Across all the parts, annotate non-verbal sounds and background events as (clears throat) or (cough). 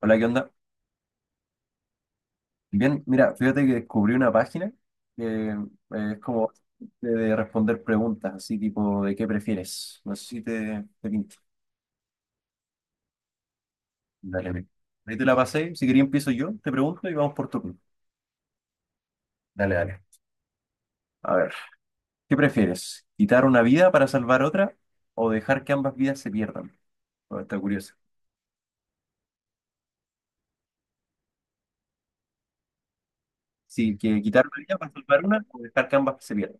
Hola, ¿qué onda? Bien, mira, fíjate que descubrí una página que es como de responder preguntas, así tipo de qué prefieres. No sé si te pinta. Dale, dale. Ahí te la pasé. Si quería empiezo yo, te pregunto y vamos por turno. Dale, dale. A ver, ¿Qué prefieres? ¿Quitar una vida para salvar otra o dejar que ambas vidas se pierdan? Bueno, está curioso. Sí, que quitar una vida para salvar una o dejar que ambas se pierdan.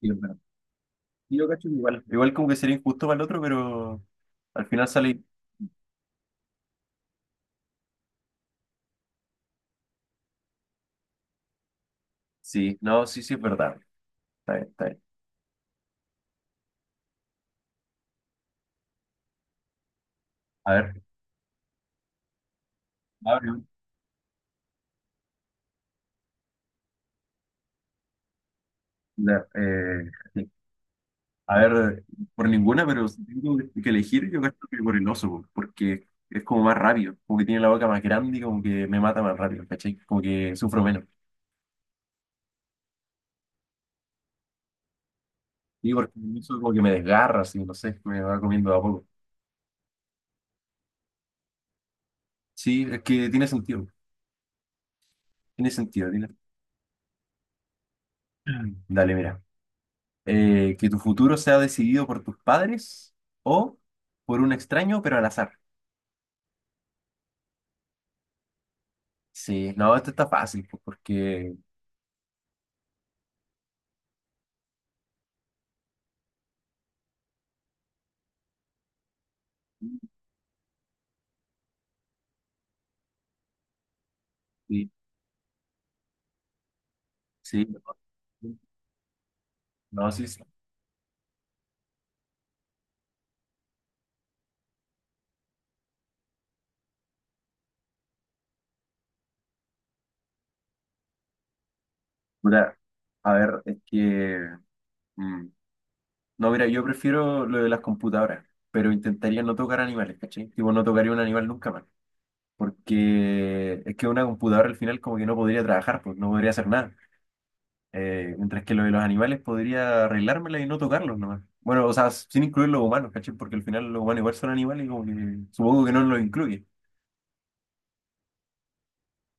Sí, es verdad. Y yo cacho que igual. Igual como que sería injusto para el otro, pero al final sale. Sí, no, sí, sí, es verdad. Está bien, está bien. A ver, abre sí. A ver, por ninguna, pero si tengo que elegir, yo creo que por el oso, po, porque es como más rápido, como que tiene la boca más grande y como que me mata más rápido, ¿cachai? Como que sufro menos. Y porque el oso como que me desgarra, así, no sé, me va comiendo de a poco. Sí, es que tiene sentido, tiene sentido. (clears throat) Dale, mira. Que tu futuro sea decidido por tus padres o por un extraño, pero al azar. Sí, no, esto está fácil, pues, porque sí, sí, no, sí, sí. Puta, a ver, es que mm, no, mira, yo prefiero lo de las computadoras, pero intentaría no tocar animales, ¿cachai? Tipo, no tocaría un animal nunca más, porque es que una computadora al final como que no podría trabajar, pues no podría hacer nada. Mientras que lo de los animales podría arreglármela y no tocarlos nomás. Bueno, o sea, sin incluir los humanos, ¿cachai? Porque al final los humanos igual son animales y como que supongo que no los incluye.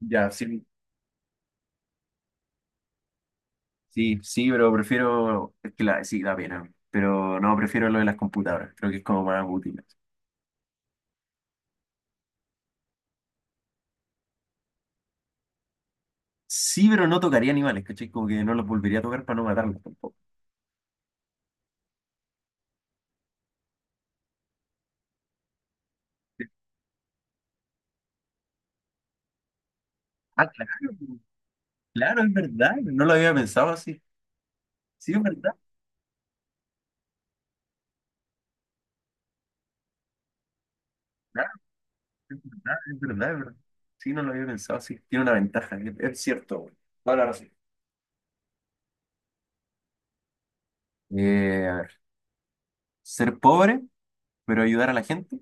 Ya, sí. Sí, sí, pero prefiero, es que la, sí, da pena, pero no, prefiero lo de las computadoras, creo que es como más útil. Sí, pero no tocaría animales, ¿cachai? Como que no los volvería a tocar para no matarlos tampoco. Ah, claro, claro, es verdad, no lo había pensado así. Sí, es verdad, claro, es verdad, es verdad, es verdad. Sí, no lo había pensado así, tiene una ventaja, es cierto, güey. Toda la razón. A ver, ser pobre, pero ayudar a la gente,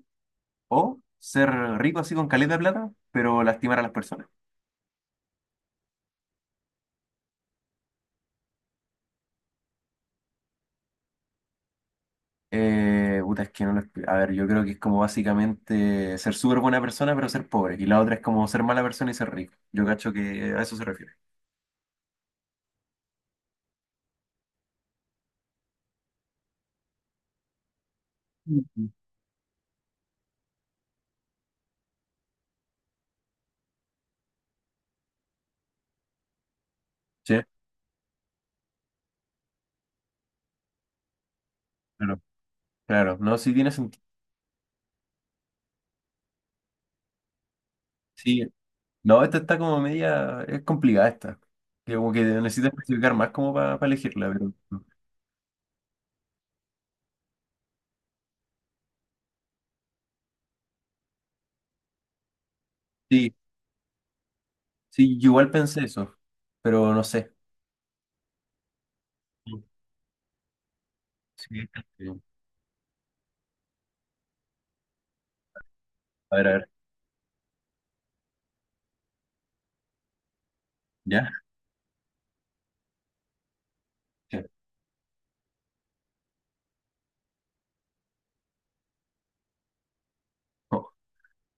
o ser rico así con caleta de plata, pero lastimar a las personas. Puta, es que no lo expli- a ver, yo creo que es como básicamente ser súper buena persona, pero ser pobre. Y la otra es como ser mala persona y ser rico. Yo cacho que a eso se refiere. Ujú. Sí, claro, claro. No, sí tiene sentido. Sí. No, esta está como media. Es complicada esta. Que como que necesitas especificar más como para elegirla, pero. Sí, sí, yo igual pensé eso. Pero no sé. Sí, esta sí. A ver, a ver. ¿Ya? Sí. Oh,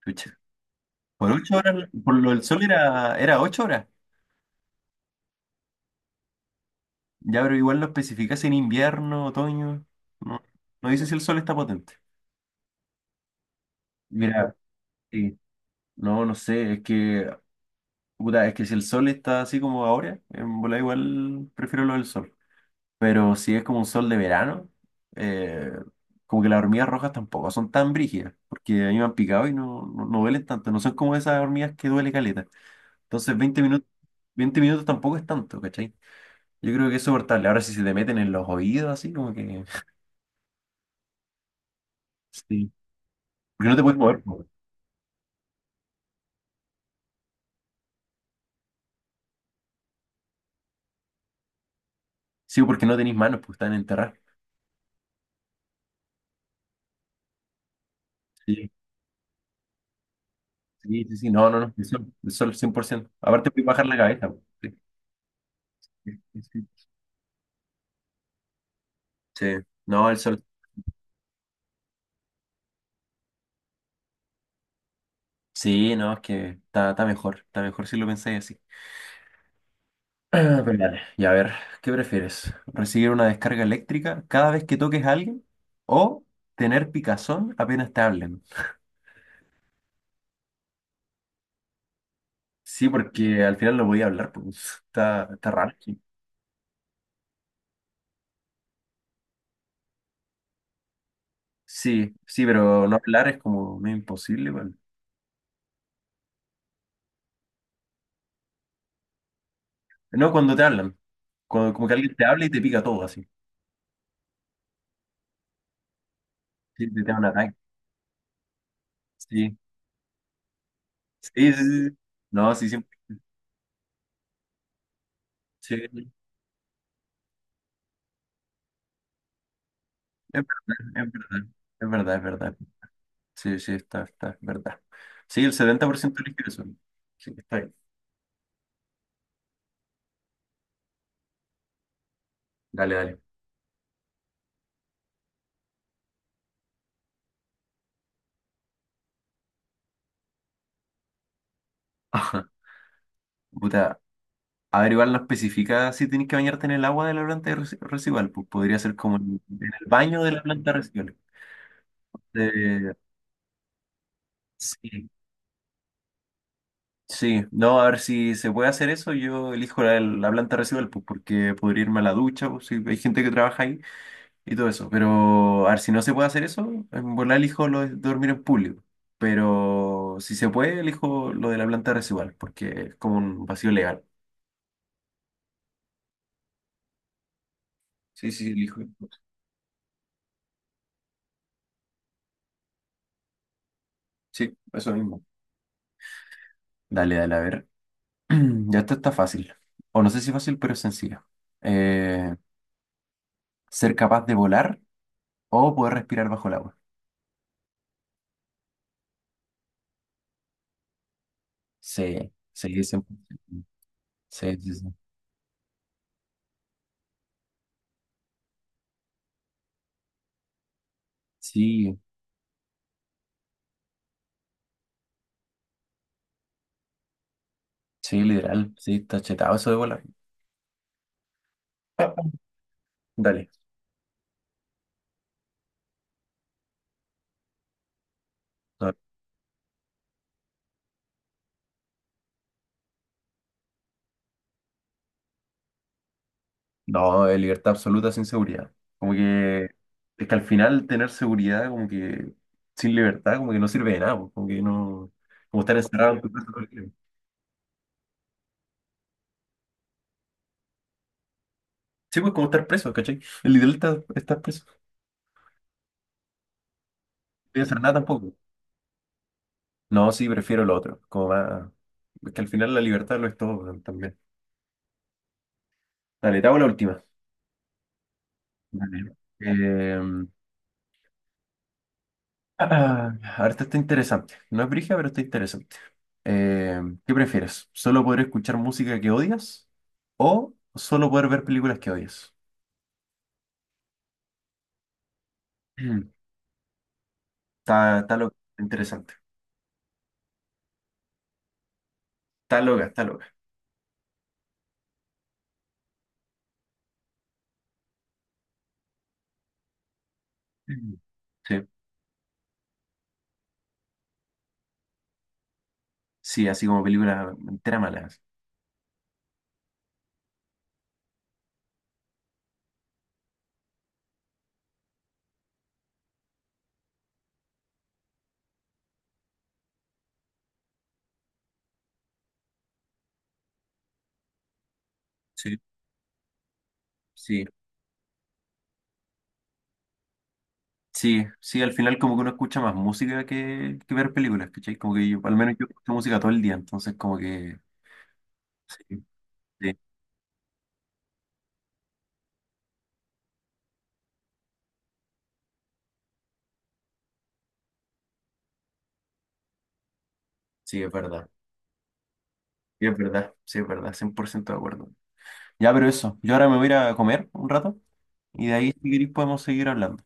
chucha. Por 8 horas, por lo del sol era 8 horas. Ya, pero igual lo especificas en invierno, otoño. No, no dice si el sol está potente. Mira, sí. No, no sé, es que, puta, es que si el sol está así como ahora, en bola igual prefiero lo del sol. Pero si es como un sol de verano, eh, como que las hormigas rojas tampoco son tan brígidas, porque a mí me han picado y no, no, no duelen tanto, no son como esas hormigas que duele caleta. Entonces 20 minutos, 20 minutos tampoco es tanto, ¿cachai? Yo creo que es soportable. Ahora si se te meten en los oídos así, como que... (laughs) Sí. Porque no te puedes mover. Sí, porque no tenéis manos, pues están enterradas. Sí, sí, sí, sí, no, no, no, el sol 100%. Aparte, puedes bajar la cabeza, po. Sí, sí, sí. Sí, no, el sol. Sí, no, es que está, está mejor si lo pensáis así. (clears throat) Ah, pero dale, y a ver, ¿Qué prefieres? ¿Recibir una descarga eléctrica cada vez que toques a alguien o tener picazón apenas te hablen? Sí, porque al final no voy a hablar, pues está, está raro. Sí, sí, sí, pero no hablar es como medio imposible, bueno. No cuando te hablan. Cuando- como que alguien te habla y te pica todo así. Sí, te da un ataque. Sí. Sí, sí, sí. Sí. No, sí, siempre. Sí. Es verdad, es verdad. Es verdad, es verdad. Sí, sí, está, está, es verdad. Sí, el 70% elige eso. Sí, está bien. Dale, dale. (laughs) Ajá. Puta, a ver, igual no especifica si tienes que bañarte en el agua de la planta de residual. Pues podría ser como en el baño de la planta residual. Eh, sí, sí, no, a ver si se puede hacer eso. Yo elijo la planta residual, pues, porque podría irme a la ducha, pues, si hay gente que trabaja ahí y todo eso. Pero a ver si no se puede hacer eso, en volar elijo lo de dormir en público. Pero si se puede, elijo lo de la planta residual, porque es como un vacío legal. Sí, sí, elijo. Sí, eso mismo. Dale, dale, a ver. (clears throat) Ya esto está fácil. O no sé si fácil, pero es sencillo. Eh, Ser capaz de volar o poder respirar bajo el agua. Sí, sí, 100%. Sí, sí, sí. Sí, sí, literal. Sí, está chetado eso de volar. Dale. No, no, es libertad absoluta sin seguridad. Como que es que al final tener seguridad, como que sin libertad, como que no sirve de nada, pues, como que no. Como estar encerrado en tu casa todo el tiempo. Sí, pues como estar preso, ¿cachai? El ideal está estar preso. No voy a hacer nada tampoco. No, sí, prefiero lo otro. Como más. Es que al final la libertad lo es todo también. Dale, te hago la última. Dale. Ah, ahorita está interesante. No es brígida, pero está interesante. Eh, ¿Qué prefieres? ¿Solo poder escuchar música que odias o solo poder ver películas que odias? Mm, Está, está loca, interesante. Está loca, está loca. Mm. Sí, sí, así como películas enteras malas. Sí, sí, sí, sí, al final como que uno escucha más música que ver películas, ¿cachai? Como que yo, al menos yo escucho música todo el día, entonces como que... Sí, sí, sí, es verdad. Sí, es verdad, sí, es verdad, 100% de acuerdo. Ya, pero eso. Yo ahora me voy a ir a comer un rato y de ahí, si queréis, podemos seguir hablando.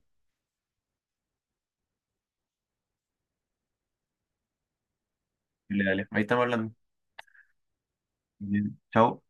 Dale, dale. Ahí estamos hablando. Bien. Chao.